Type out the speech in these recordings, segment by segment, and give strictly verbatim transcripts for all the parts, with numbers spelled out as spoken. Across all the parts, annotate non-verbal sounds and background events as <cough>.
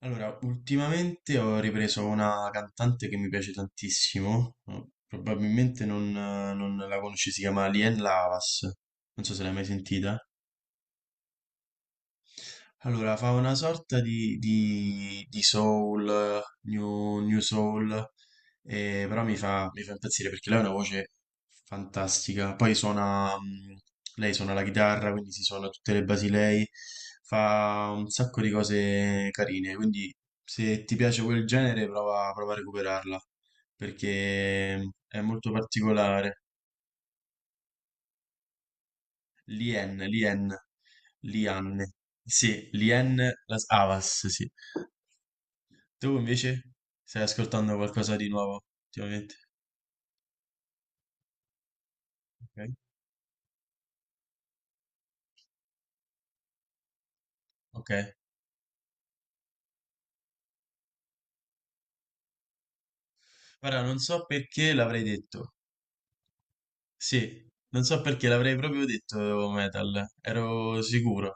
Allora, ultimamente ho ripreso una cantante che mi piace tantissimo, no? Probabilmente non, eh, non la conosci, si chiama Lien Lavas, non so se l'hai mai sentita. Allora, fa una sorta di, di- di soul, eh, new, new soul, eh, però mi fa, mi fa impazzire perché lei ha una voce fantastica. Poi suona, mh, lei suona la chitarra, quindi si suona tutte le basi lei, fa un sacco di cose carine, quindi se ti piace quel genere prova, prova a recuperarla, perché è molto particolare. Lien, Lien, Lianne, sì, Lien Las Havas, sì. Tu invece stai ascoltando qualcosa di nuovo ultimamente? Ok. Ok. Ora non so perché l'avrei detto. Sì, non so perché l'avrei proprio detto oh, metal, ero sicuro.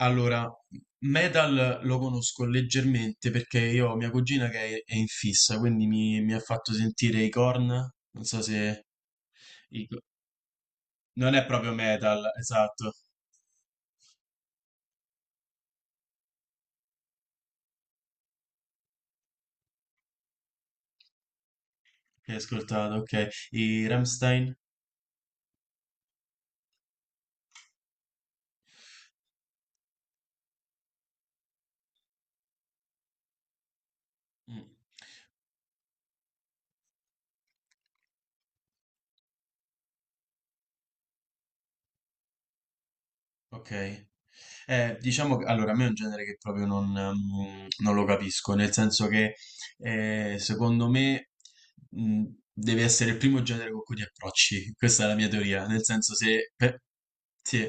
Allora, metal lo conosco leggermente perché io ho mia cugina che è, è in fissa, quindi mi, mi ha fatto sentire i Korn. Non so se... i- non è proprio metal, esatto, che hai ascoltato, ok. I Rammstein? Mm, ok. Eh, diciamo che allora, a me è un genere che proprio non, mm, non lo capisco, nel senso che eh, secondo me mm, deve essere il primo genere con cui ti approcci. Questa è la mia teoria, nel senso se per, sì,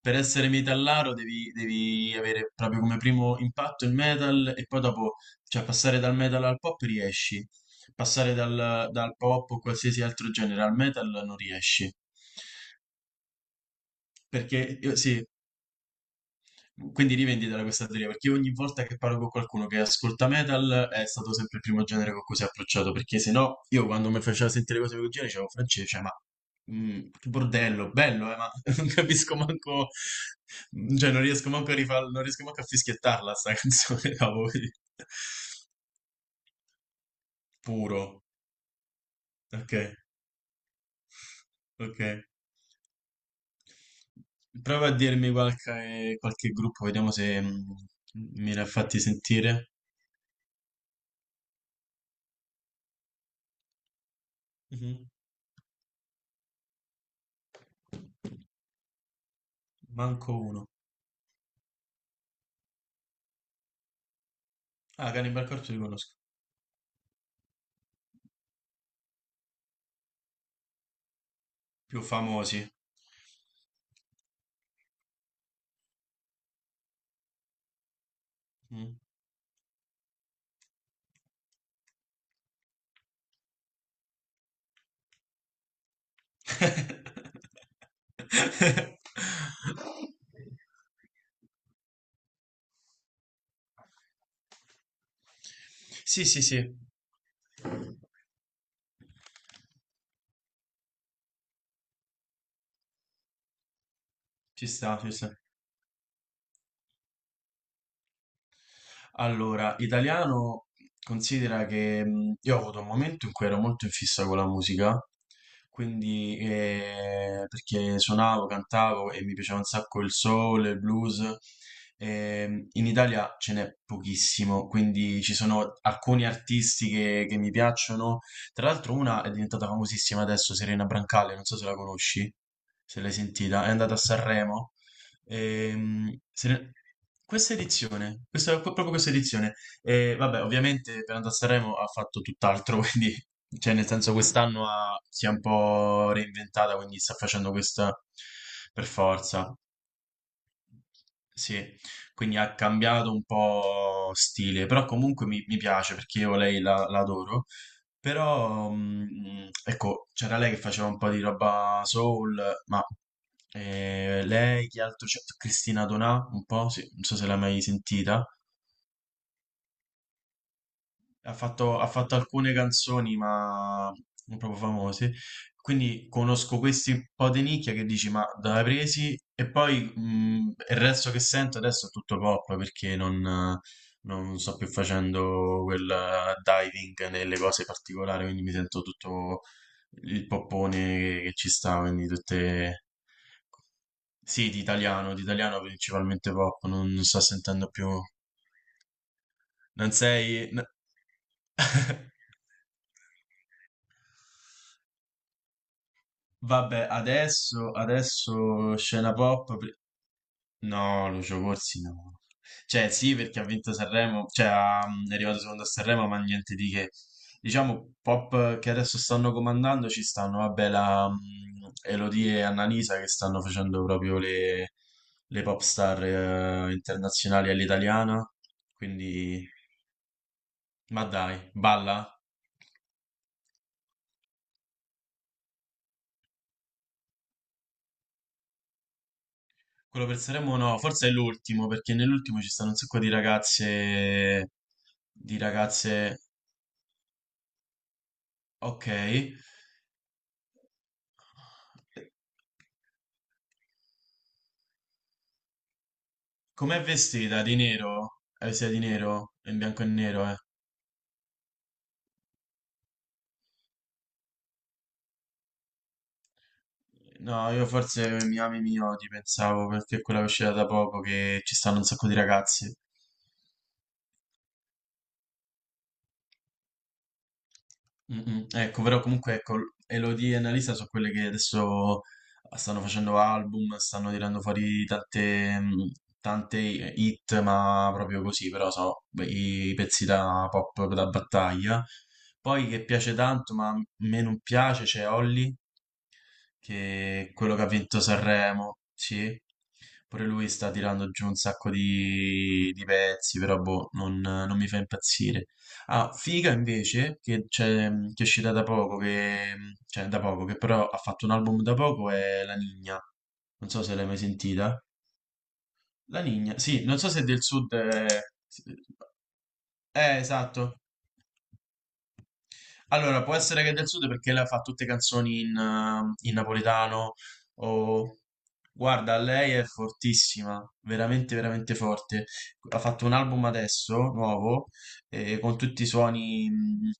per essere metallaro devi, devi avere proprio come primo impatto il metal e poi dopo, cioè passare dal metal al pop riesci, passare dal, dal pop o qualsiasi altro genere al metal non riesci. Perché io- sì, quindi rivenditela questa teoria, perché ogni volta che parlo con qualcuno che ascolta metal è stato sempre il primo genere con cui si è approcciato, perché se no io quando mi faceva sentire cose del genere dicevo francese, cioè, ma mm, che bordello, bello, eh, ma <laughs> non capisco manco, cioè non riesco manco a rifarlo, non riesco manco a fischiettarla sta canzone, <laughs> cavolo, quindi, puro, ok, ok. Prova a dirmi qualche, qualche gruppo, vediamo se mm, mi ne ha fatti sentire. Mhm. Manco uno. Ah, Cannibal Corpse li conosco. Più famosi. Mm. <laughs> Sì, sì, sì. Ci sta, ci sta. Allora, italiano considera che mh, io ho avuto un momento in cui ero molto in fissa con la musica, quindi eh, perché suonavo, cantavo e mi piaceva un sacco il soul, il blues. Ehm, in Italia ce n'è pochissimo, quindi ci sono alcuni artisti che, che mi piacciono. Tra l'altro una è diventata famosissima adesso, Serena Brancale, non so se la conosci, se l'hai sentita, è andata a Sanremo. Ehm, se ne- questa edizione, questa, qu- proprio questa edizione, e vabbè, ovviamente per andare a Sanremo ha fatto tutt'altro, <laughs> quindi, cioè, nel senso, quest'anno ha- si è un po' reinventata, quindi sta facendo questa per forza. Sì, quindi ha cambiato un po' stile, però comunque mi, mi piace perché io lei la, la adoro. Però, mh, ecco, c'era lei che faceva un po' di roba soul, ma eh, lei, chi altro c'è? Cristina Donà, un po', sì, non so se l'hai mai sentita. Ha fatto, ha fatto alcune canzoni, ma non proprio famose. Quindi conosco questi un po' di nicchia che dici, ma dove hai presi? E poi mh, il resto che sento adesso è tutto pop perché non, non sto più facendo quel eh, diving nelle cose particolari, quindi mi sento tutto il poppone che, che ci sta, quindi tutte... Sì, di italiano, di italiano principalmente pop, non non sto sentendo più... Non sei... n- <laughs> Vabbè, adesso, adesso scena pop. pri- No, Lucio Corsi no. Cioè, sì, perché ha vinto Sanremo, cioè ha- è arrivato secondo a Sanremo, ma niente di che. Diciamo, pop che adesso stanno comandando ci stanno, vabbè, la mm, Elodie e Annalisa che stanno facendo proprio le, le pop star eh, internazionali all'italiana. Quindi, ma dai, balla. Quello per Sanremo no, forse è l'ultimo, perché nell'ultimo ci stanno un sacco di ragazze, di ragazze, ok. Com'è vestita? Di nero? È vestita di nero? È in bianco e nero, eh. No, io forse mi ami, mi odi, pensavo, perché è quella che è uscita da poco che ci stanno un sacco di ragazze. Mm, mm. Ecco, però comunque ecco, Elodie e Annalisa sono quelle che adesso eh, stanno facendo album, stanno tirando fuori tante, mm, tante hit, ma proprio così, però sono i pezzi da pop da battaglia. Poi che piace tanto, ma a me non piace, c'è Holly, che è quello che ha vinto Sanremo, sì. Pure lui sta tirando giù un sacco di, di pezzi, però boh, non, non mi fa impazzire. Ah, Figa invece, che, c'è- che è uscita da poco, che, cioè da poco, che però ha fatto un album da poco, è La Nigna. Non so se l'hai mai sentita. La Nigna, sì, non so se è del sud... Eh, eh, esatto. Allora, può essere che è del sud perché lei fa tutte canzoni in, eh, in napoletano o... Guarda, lei è fortissima, veramente, veramente forte. Ha fatto un album adesso, nuovo, eh, con tutti i suoni mh,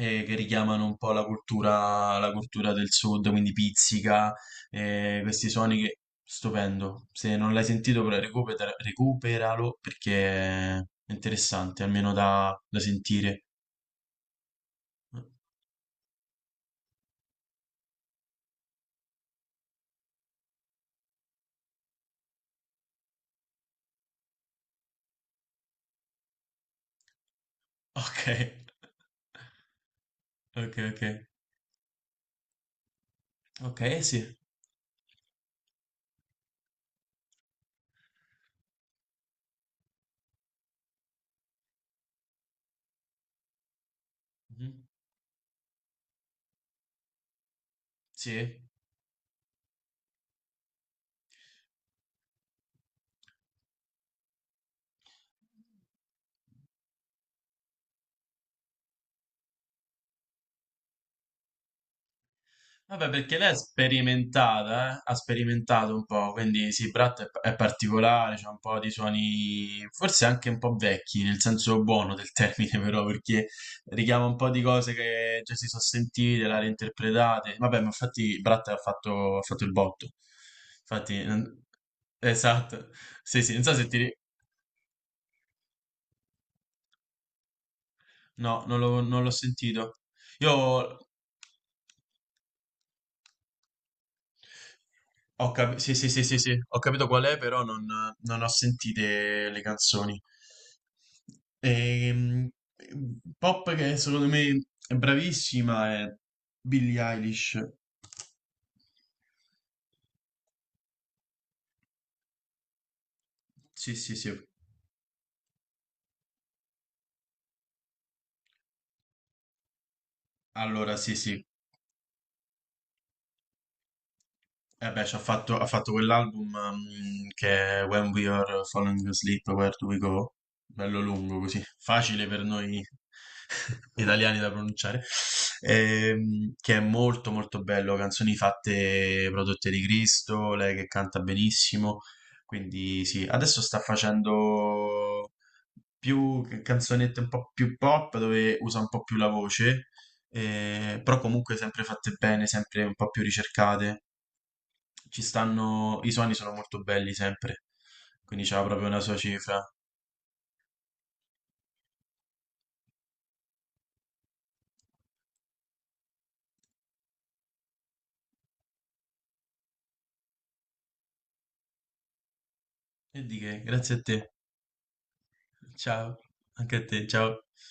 eh, che richiamano un po' la cultura, la cultura del sud, quindi pizzica, eh, questi suoni che... Stupendo. Se non l'hai sentito, però recupera- recuperalo perché è interessante, almeno da da sentire. Okay. Okay, okay. Okay, sì. Mh-mh. Sì. Vabbè, perché lei è sperimentata, eh, ha sperimentato un po', quindi sì, Brat è p è particolare, c'ha un po' di suoni forse anche un po' vecchi, nel senso buono del termine <laughs> però, perché richiama un po' di cose che già si so' sentite, le ha reinterpretate. Vabbè, ma infatti Brat ha fatto ha fatto il botto. Infatti non esatto. Sì, sì, non so se ti ri No, non l'ho non l'ho sentito. Io ho capito, sì, sì, sì, sì, sì, ho capito qual è, però non, non ho sentite le canzoni. Ehm, pop che secondo me è bravissima è Billie Eilish. Sì, sì, sì. Allora, sì, sì. Eh beh, ci ha fatto, ha fatto quell'album ehm, che è When We Are Falling Asleep, Where Do We Go? Bello lungo così, facile per noi <laughs> italiani da pronunciare. Ehm, che è molto molto bello, canzoni fatte prodotte di Cristo, lei che canta benissimo, quindi sì, adesso sta facendo più canzonette un po' più pop dove usa un po' più la voce, eh, però comunque sempre fatte bene, sempre un po' più ricercate ci stanno, i suoni sono molto belli sempre, quindi c'ha proprio una sua cifra. E di che, grazie a te. Ciao, anche a te, ciao.